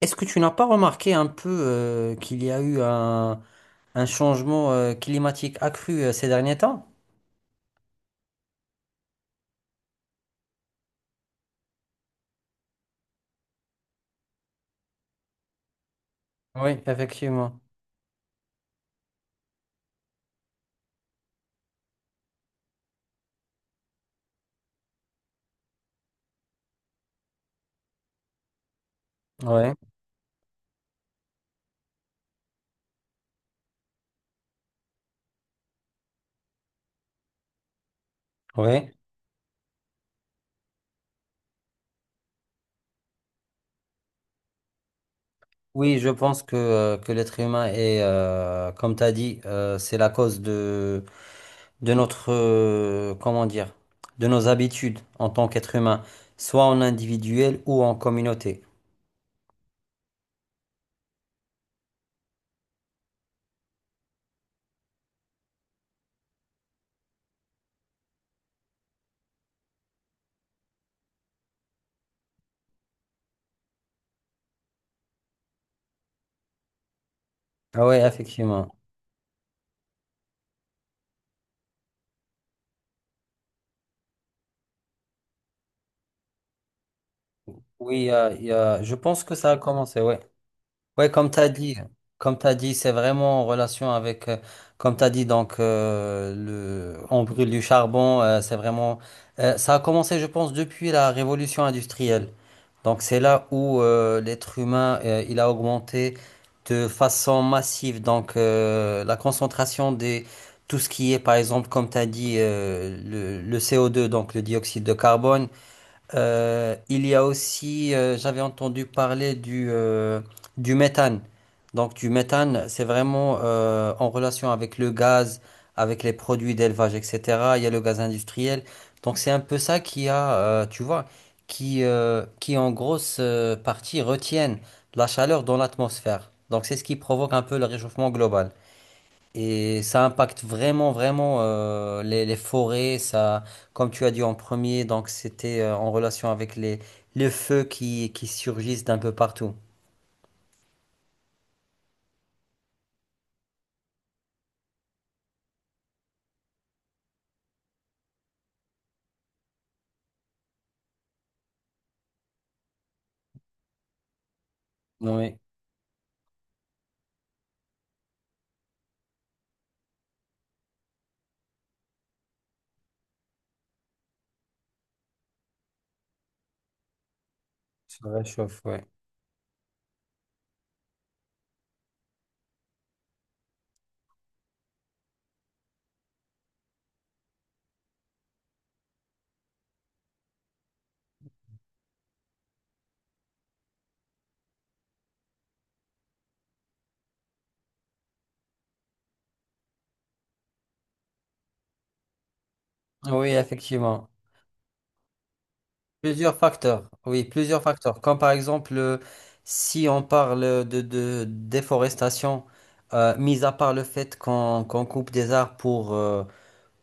Est-ce que tu n'as pas remarqué un peu qu'il y a eu un changement climatique accru ces derniers temps? Oui, effectivement. Ouais, ouais. Oui, je pense que l'être humain est, comme tu as dit, c'est la cause de notre, comment dire, de nos habitudes en tant qu'être humain, soit en individuel ou en communauté. Ah ouais, effectivement. Oui, je pense que ça a commencé, ouais. Ouais, comme tu as dit, comme tu dit, c'est vraiment en relation avec, comme tu as dit, donc, on brûle du charbon, c'est vraiment, ça a commencé, je pense, depuis la révolution industrielle. Donc, c'est là où l'être humain, il a augmenté de façon massive. Donc, la concentration des, tout ce qui est, par exemple, comme tu as dit, le CO2, donc le dioxyde de carbone. Il y a aussi, j'avais entendu parler du méthane. Donc du méthane, c'est vraiment en relation avec le gaz, avec les produits d'élevage, etc. Il y a le gaz industriel. Donc c'est un peu ça qui a, tu vois, qui en grosse partie retiennent la chaleur dans l'atmosphère. Donc c'est ce qui provoque un peu le réchauffement global. Et ça impacte vraiment, vraiment les forêts. Ça, comme tu as dit en premier, donc c'était en relation avec les feux qui surgissent d'un peu partout. Oui, ça réchauffe, oui. Oui, effectivement. Plusieurs facteurs. Oui, plusieurs facteurs. Comme par exemple, si on parle de déforestation, mis à part le fait qu'on coupe des arbres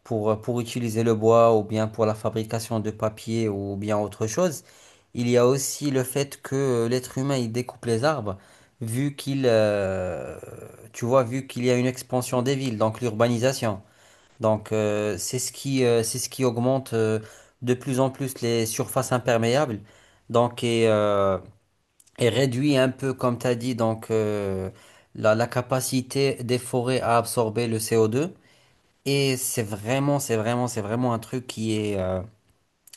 pour utiliser le bois ou bien pour la fabrication de papier ou bien autre chose. Il y a aussi le fait que l'être humain il découpe les arbres vu qu'il tu vois vu qu'il y a une expansion des villes donc l'urbanisation. Donc c'est ce qui augmente de plus en plus les surfaces imperméables donc et réduit un peu comme tu as dit donc la, la capacité des forêts à absorber le CO2. Et c'est vraiment, c'est vraiment, c'est vraiment un truc qui est,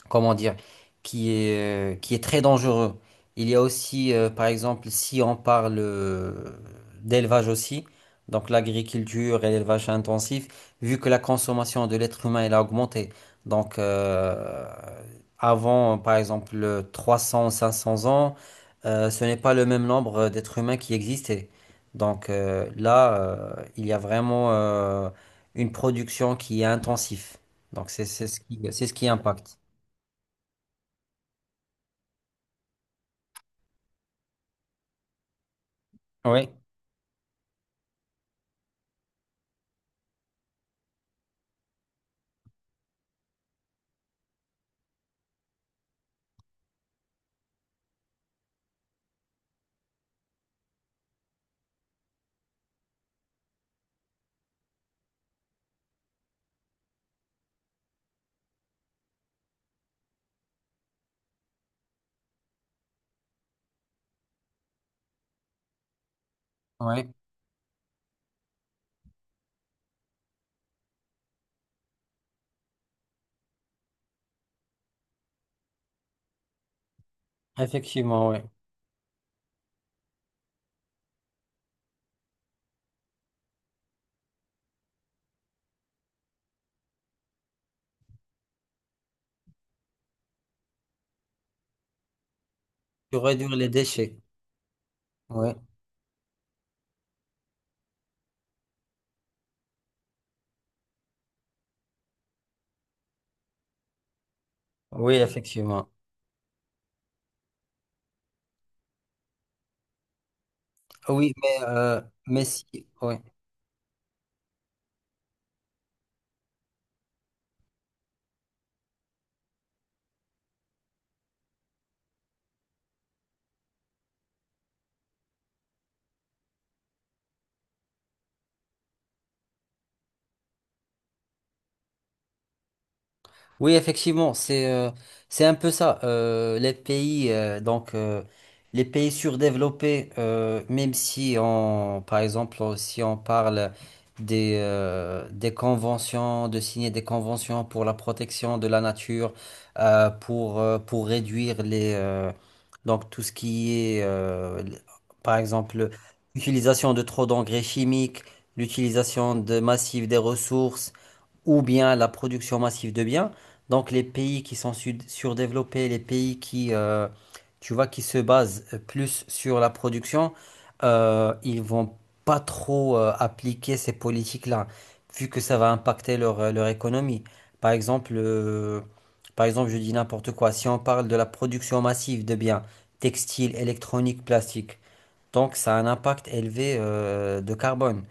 comment dire, qui est très dangereux. Il y a aussi, par exemple, si on parle d'élevage aussi, donc l'agriculture et l'élevage intensif, vu que la consommation de l'être humain elle a augmenté. Donc, avant, par exemple, 300 500 ans, ce n'est pas le même nombre d'êtres humains qui existaient. Donc là, il y a vraiment une production qui est intensive. Donc c'est ce qui, c'est ce qui impacte. Oui, oui, effectivement, oui. Pour réduire les déchets. Oui, oui, effectivement. Oui, mais si, oui. Oui, effectivement, c'est un peu ça. Les pays donc les pays surdéveloppés, même si on par exemple si on parle des conventions, de signer des conventions pour la protection de la nature, pour réduire les donc tout ce qui est par exemple l'utilisation de trop d'engrais chimiques, l'utilisation de massive des ressources ou bien la production massive de biens. Donc les pays qui sont surdéveloppés, les pays qui, tu vois, qui se basent plus sur la production, ils vont pas trop appliquer ces politiques-là, vu que ça va impacter leur, leur économie. Par exemple, je dis n'importe quoi. Si on parle de la production massive de biens textiles, électroniques, plastiques, donc, ça a un impact élevé de carbone.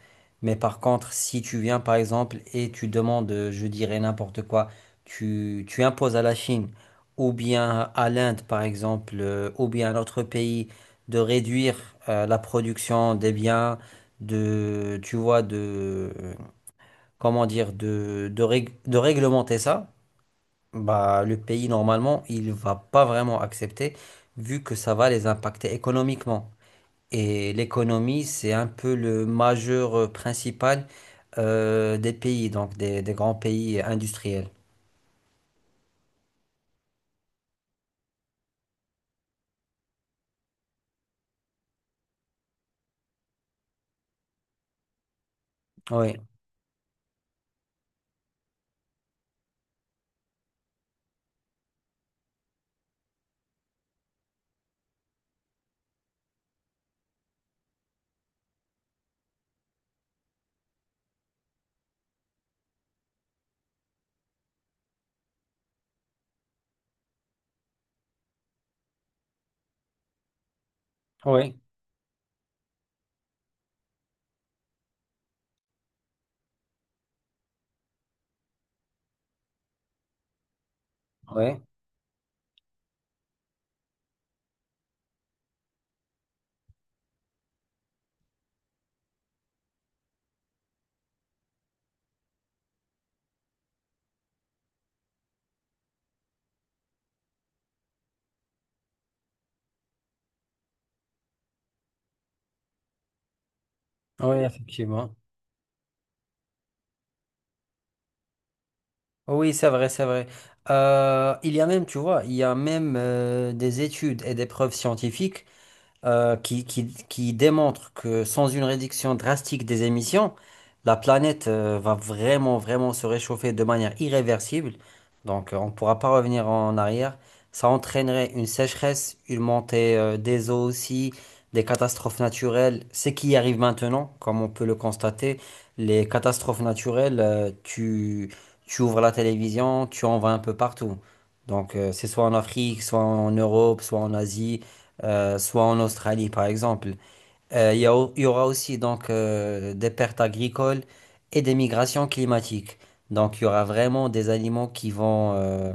Mais par contre, si tu viens par exemple et tu demandes, je dirais n'importe quoi, tu imposes à la Chine ou bien à l'Inde par exemple, ou bien à notre pays de réduire la production des biens, de, tu vois, de, comment dire, de, de réglementer ça, bah, le pays normalement, il va pas vraiment accepter vu que ça va les impacter économiquement. Et l'économie, c'est un peu le majeur principal des pays, donc des grands pays industriels. Oui, oui, oui, oui, effectivement. Oui, c'est vrai, c'est vrai. Il y a même, tu vois, il y a même des études et des preuves scientifiques qui démontre que sans une réduction drastique des émissions, la planète va vraiment, vraiment se réchauffer de manière irréversible. Donc, on ne pourra pas revenir en arrière. Ça entraînerait une sécheresse, une montée des eaux aussi, des catastrophes naturelles. Ce qui arrive maintenant, comme on peut le constater, les catastrophes naturelles, tu ouvres la télévision, tu en vois un peu partout. Donc, c'est soit en Afrique, soit en Europe, soit en Asie soit en Australie par exemple. Il y a il y aura aussi donc des pertes agricoles et des migrations climatiques. Donc il y aura vraiment des aliments qui vont,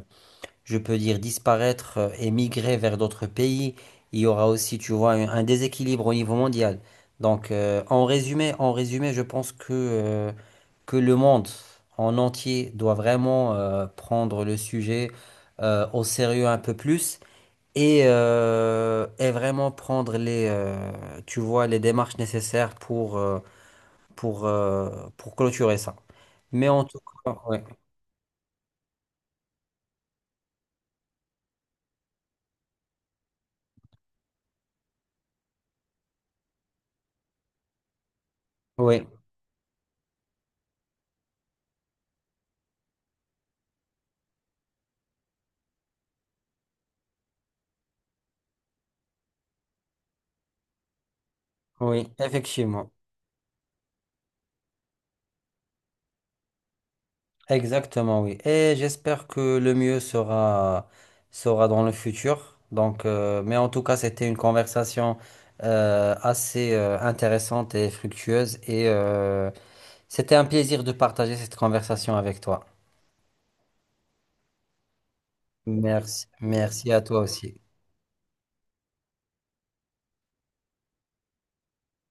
je peux dire, disparaître et migrer vers d'autres pays. Il y aura aussi, tu vois, un déséquilibre au niveau mondial. Donc en résumé, je pense que le monde en entier doit vraiment prendre le sujet au sérieux un peu plus et vraiment prendre les, tu vois, les démarches nécessaires pour, euh, pour clôturer ça. Mais en tout cas, oui, oui, oui, effectivement. Exactement, oui. Et j'espère que le mieux sera, sera dans le futur. Donc, mais en tout cas, c'était une conversation assez intéressante et fructueuse. Et c'était un plaisir de partager cette conversation avec toi. Merci. Merci à toi aussi.